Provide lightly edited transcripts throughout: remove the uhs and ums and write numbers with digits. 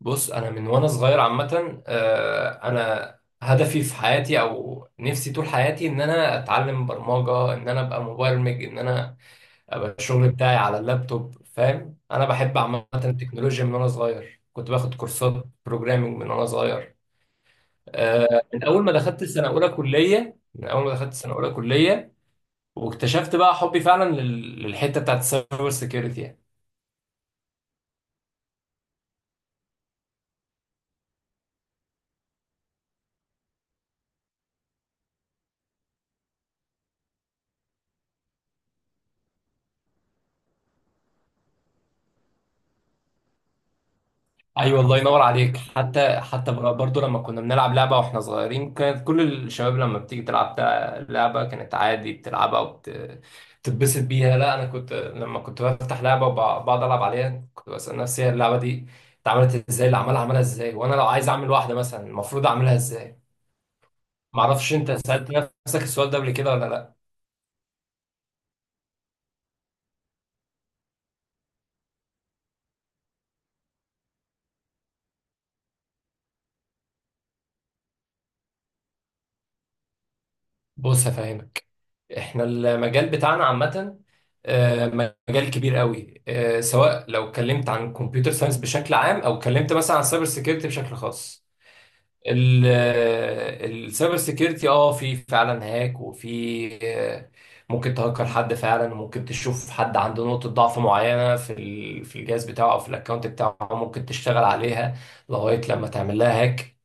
بص، انا من وانا صغير عامه، انا هدفي في حياتي او نفسي طول حياتي ان انا اتعلم برمجه، ان انا ابقى مبرمج، ان انا ابقى الشغل بتاعي على اللابتوب. فاهم؟ انا بحب عامه التكنولوجيا من وانا صغير، كنت باخد كورسات بروجرامنج من وانا صغير. من اول ما دخلت السنه اولى كليه، من اول ما دخلت السنه اولى كليه واكتشفت بقى حبي فعلا للحته بتاعت السايبر سيكيورتي. ايوه، الله ينور عليك. حتى برضو لما كنا بنلعب لعبه واحنا صغيرين، كانت كل الشباب لما بتيجي تلعب لعبه كانت عادي بتلعبها وبتتبسط بيها. لا، انا كنت لما كنت بفتح لعبه وبقعد العب عليها كنت بسال نفسي هي اللعبه دي اتعملت ازاي، اللي عملها عملها ازاي، وانا لو عايز اعمل واحده مثلا المفروض اعملها ازاي. ما اعرفش، انت سالت نفسك السؤال ده قبل كده ولا لا؟ بص هفهمك، احنا المجال بتاعنا عامة، آه، مجال كبير قوي. سواء لو اتكلمت عن كمبيوتر ساينس بشكل عام او اتكلمت مثلا عن سايبر سيكيورتي بشكل خاص، السايبر سيكيورتي اه، في فعلا هاك، وفي ممكن تهكر حد فعلا، وممكن تشوف حد عنده نقطة ضعف معينة في الجهاز بتاعه او في الاكونت بتاعه ممكن تشتغل عليها لغاية لما تعمل لها هاك.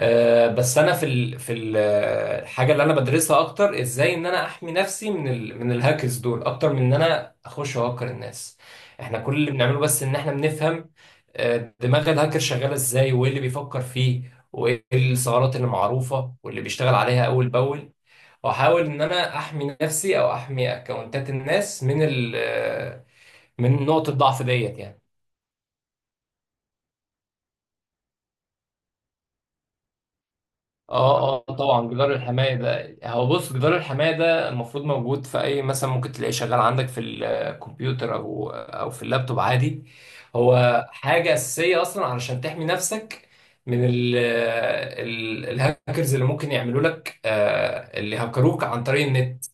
بس انا في الحاجه اللي انا بدرسها اكتر ازاي ان انا احمي نفسي من من الهاكرز دول، اكتر من ان انا اخش اهكر الناس. احنا كل اللي بنعمله بس ان احنا بنفهم دماغ الهاكر شغاله ازاي، وايه اللي بيفكر فيه، وايه الثغرات اللي معروفه واللي بيشتغل عليها اول باول، واحاول ان انا احمي نفسي او احمي اكونتات الناس من ال... آه، من نقطه الضعف ديت يعني. اه. اه طبعا، جدار الحماية ده هو، بص، جدار الحماية ده المفروض موجود في اي، مثلا ممكن تلاقيه شغال عندك في الكمبيوتر او في اللابتوب عادي. هو حاجة أساسية أصلا علشان تحمي نفسك من ال ال الهاكرز اللي ممكن يعملوا لك، اللي هكروك عن طريق النت.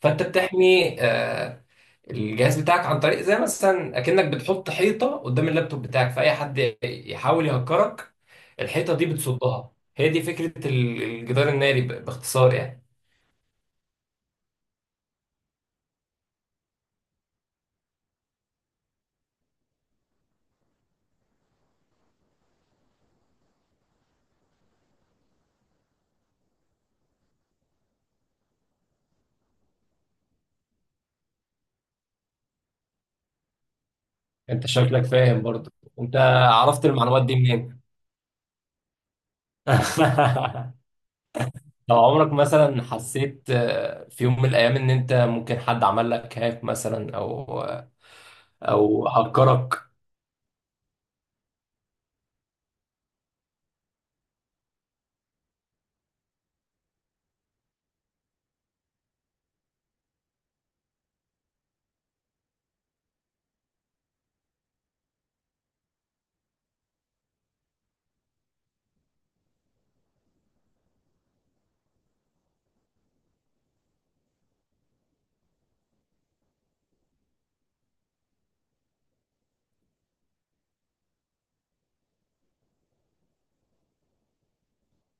فانت بتحمي الجهاز بتاعك عن طريق، زي مثلا اكنك بتحط حيطه قدام اللابتوب بتاعك، فاي حد يحاول يهكرك الحيطه دي بتصدها. هي دي فكره الجدار الناري باختصار يعني. انت شكلك فاهم برضه، انت عرفت المعلومات دي منين؟ لو عمرك مثلا حسيت في يوم من الايام ان انت ممكن حد عمل لك هاك مثلا، او هكرك؟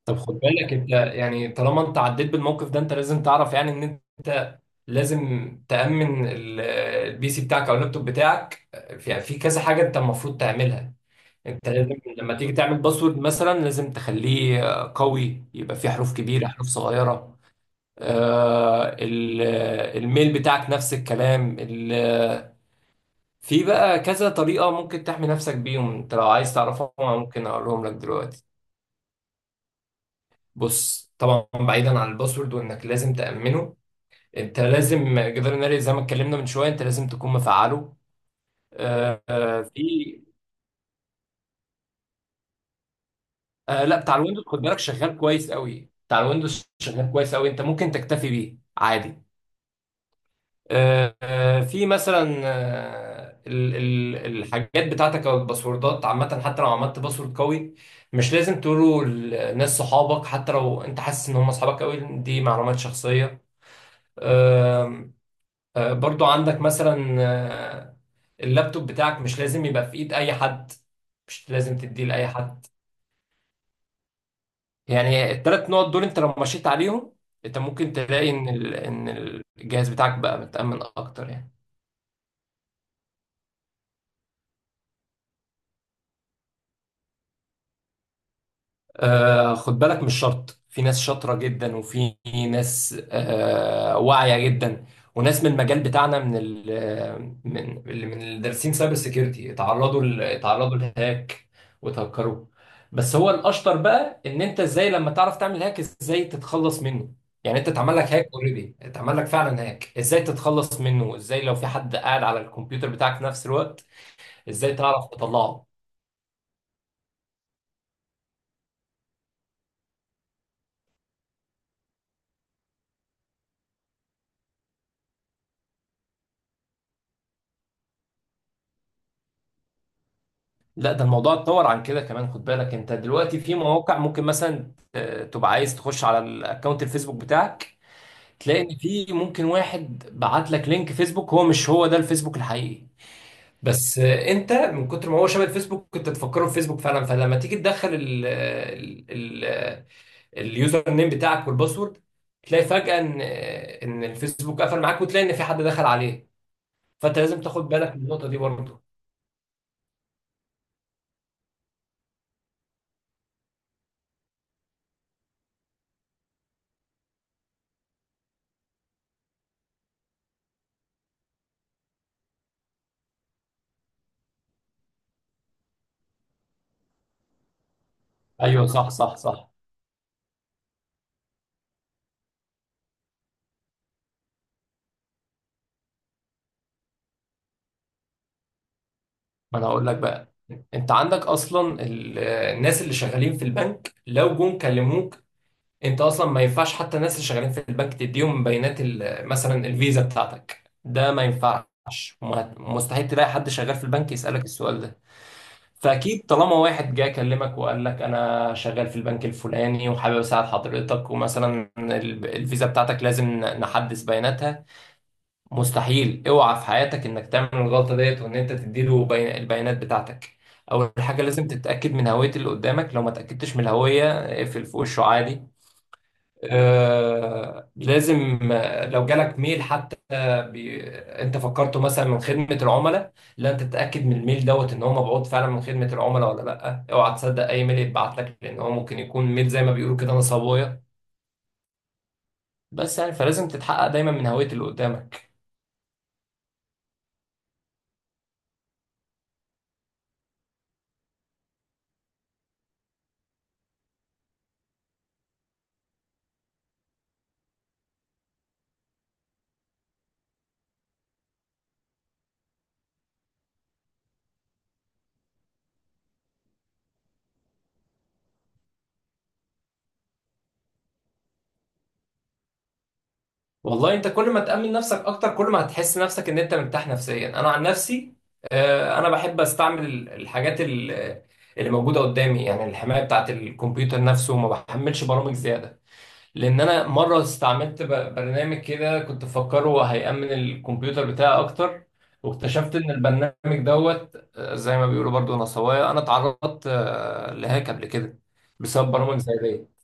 طب خد بالك انت، يعني طالما انت عديت بالموقف ده انت لازم تعرف يعني ان انت لازم تأمن البي سي بتاعك او اللابتوب بتاعك. في يعني في كذا حاجة انت المفروض تعملها. انت لازم لما تيجي تعمل باسورد مثلا لازم تخليه قوي، يبقى فيه حروف كبيرة حروف صغيرة. آه، ال- الميل بتاعك نفس الكلام. في بقى كذا طريقة ممكن تحمي نفسك بيهم، انت لو عايز تعرفهم أنا ممكن اقولهم لك دلوقتي. بص، طبعا بعيدا عن الباسورد وانك لازم تأمنه، انت لازم جدار الناري زي ما اتكلمنا من شويه انت لازم تكون مفعله. في. لا، بتاع الويندوز خد بالك شغال كويس قوي، بتاع الويندوز شغال كويس قوي، انت ممكن تكتفي بيه عادي. في مثلا، الحاجات بتاعتك او الباسوردات عامه حتى لو عملت باسورد قوي مش لازم تقوله لناس صحابك، حتى لو انت حاسس ان هم اصحابك قوي، دي معلومات شخصيه. برضو عندك مثلا، اللابتوب بتاعك مش لازم يبقى في ايد اي حد، مش لازم تديه لاي حد. يعني التلات نقط دول انت لو مشيت عليهم انت ممكن تلاقي ان الجهاز بتاعك بقى متأمن اكتر يعني. آه خد بالك، مش شرط، في ناس شاطرة جدا، وفي ناس واعية جدا، وناس من المجال بتاعنا، من ال آه، من اللي من الدارسين سايبر سيكيورتي اتعرضوا اتعرضوا لهاك وتهكروا. بس هو الاشطر بقى ان انت ازاي لما تعرف تعمل هاك، ازاي تتخلص منه. يعني انت اتعمل لك هاك اوريدي، اتعمل لك فعلا هاك، ازاي تتخلص منه، ازاي لو في حد قاعد على الكمبيوتر بتاعك في نفس الوقت ازاي تعرف تطلعه. لا، ده الموضوع اتطور عن كده كمان. خد بالك انت دلوقتي في مواقع ممكن مثلا تبقى عايز تخش على الاكونت الفيسبوك بتاعك تلاقي ان في ممكن واحد بعت لك لينك فيسبوك، هو مش هو ده الفيسبوك الحقيقي، بس انت من كتر ما هو شبه الفيسبوك كنت تفكره في فيسبوك فعلا، فلما تيجي تدخل اليوزر نيم بتاعك والباسورد تلاقي فجأة ان ان الفيسبوك قفل معاك وتلاقي ان في حد دخل عليه. فانت لازم تاخد بالك من النقطة دي برضه. ايوه، صح صح صح. ما انا هقول لك بقى، انت عندك اصلا الناس اللي شغالين في البنك لو جم كلموك، انت اصلا ما ينفعش حتى الناس اللي شغالين في البنك تديهم بيانات مثلا الفيزا بتاعتك، ده ما ينفعش. مستحيل تلاقي حد شغال في البنك يسألك السؤال ده. فاكيد طالما واحد جه كلمك وقال لك انا شغال في البنك الفلاني وحابب اساعد حضرتك ومثلا الفيزا بتاعتك لازم نحدث بياناتها، مستحيل، اوعى في حياتك انك تعمل الغلطه ديت وان انت تديله البيانات بتاعتك. اول حاجه لازم تتاكد من هويه اللي قدامك، لو ما تاكدتش من الهويه اقفل في وشه عادي. آه لازم، لو جالك ميل حتى انت فكرته مثلا من خدمه العملاء، لا انت تتاكد من الميل دوت ان هو مبعوث فعلا من خدمه العملاء ولا لا. اوعى تصدق اي ميل يتبعت لك، لان هو ممكن يكون ميل زي ما بيقولوا كده نصابويه. بس يعني فلازم تتحقق دايما من هويه اللي قدامك. والله انت كل ما تأمن نفسك اكتر كل ما هتحس نفسك ان انت مرتاح نفسيا. انا عن نفسي، انا بحب استعمل الحاجات اللي موجودة قدامي، يعني الحماية بتاعت الكمبيوتر نفسه، ما بحملش برامج زيادة. لان انا مرة استعملت برنامج كده كنت مفكره هيأمن الكمبيوتر بتاعي اكتر، واكتشفت ان البرنامج دوت، زي ما بيقولوا برضو نصوايا، انا اتعرضت لهاك قبل كده بسبب برامج زي دي.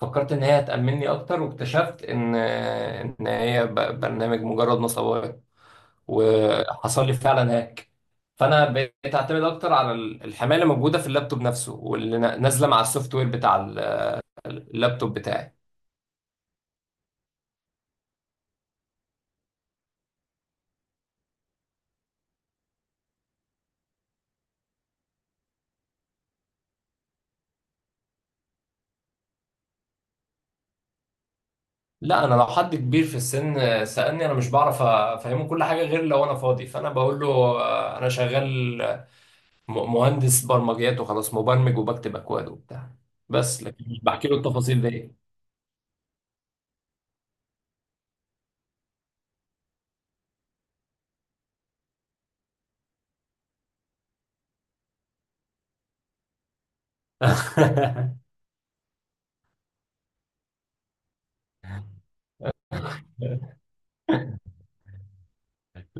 فكرت ان هي هتأمنني اكتر واكتشفت ان ان هي برنامج مجرد نصباية، وحصل لي فعلا هاك. فانا بقيت اعتمد اكتر على الحمايه اللي موجوده في اللابتوب نفسه واللي نازله مع السوفت وير بتاع اللابتوب بتاعي. لا، انا لو حد كبير في السن سألني انا مش بعرف افهمه كل حاجه غير لو انا فاضي، فانا بقول له انا شغال مهندس برمجيات وخلاص، مبرمج وبكتب اكواد وبتاع، بس لكن مش بحكي له التفاصيل دي.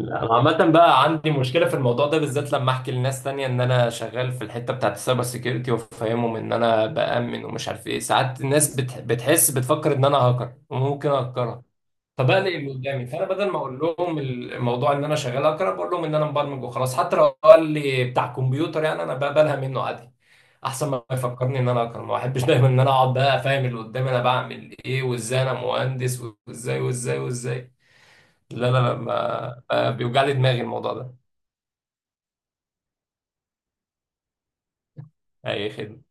انا عامة بقى عندي مشكلة في الموضوع ده بالذات، لما احكي لناس تانية ان انا شغال في الحتة بتاعت السايبر سيكيورتي وافهمهم ان انا بأمن ومش عارف ايه، ساعات الناس بتحس، بتفكر ان انا هاكر وممكن اهكرها، فبقلق اللي قدامي، فانا بدل ما اقول لهم الموضوع ان انا شغال هاكر بقول لهم ان انا مبرمج وخلاص. حتى لو قال لي بتاع كمبيوتر يعني انا بقبلها منه عادي، احسن ما يفكرني ان انا هاكر. ما احبش دايما ان انا اقعد بقى افهم اللي قدامي انا بعمل ايه وازاي انا مهندس وازاي وازاي وازاي. لا لا لا، ما بيوجع لي دماغي الموضوع ده. اي خدمة.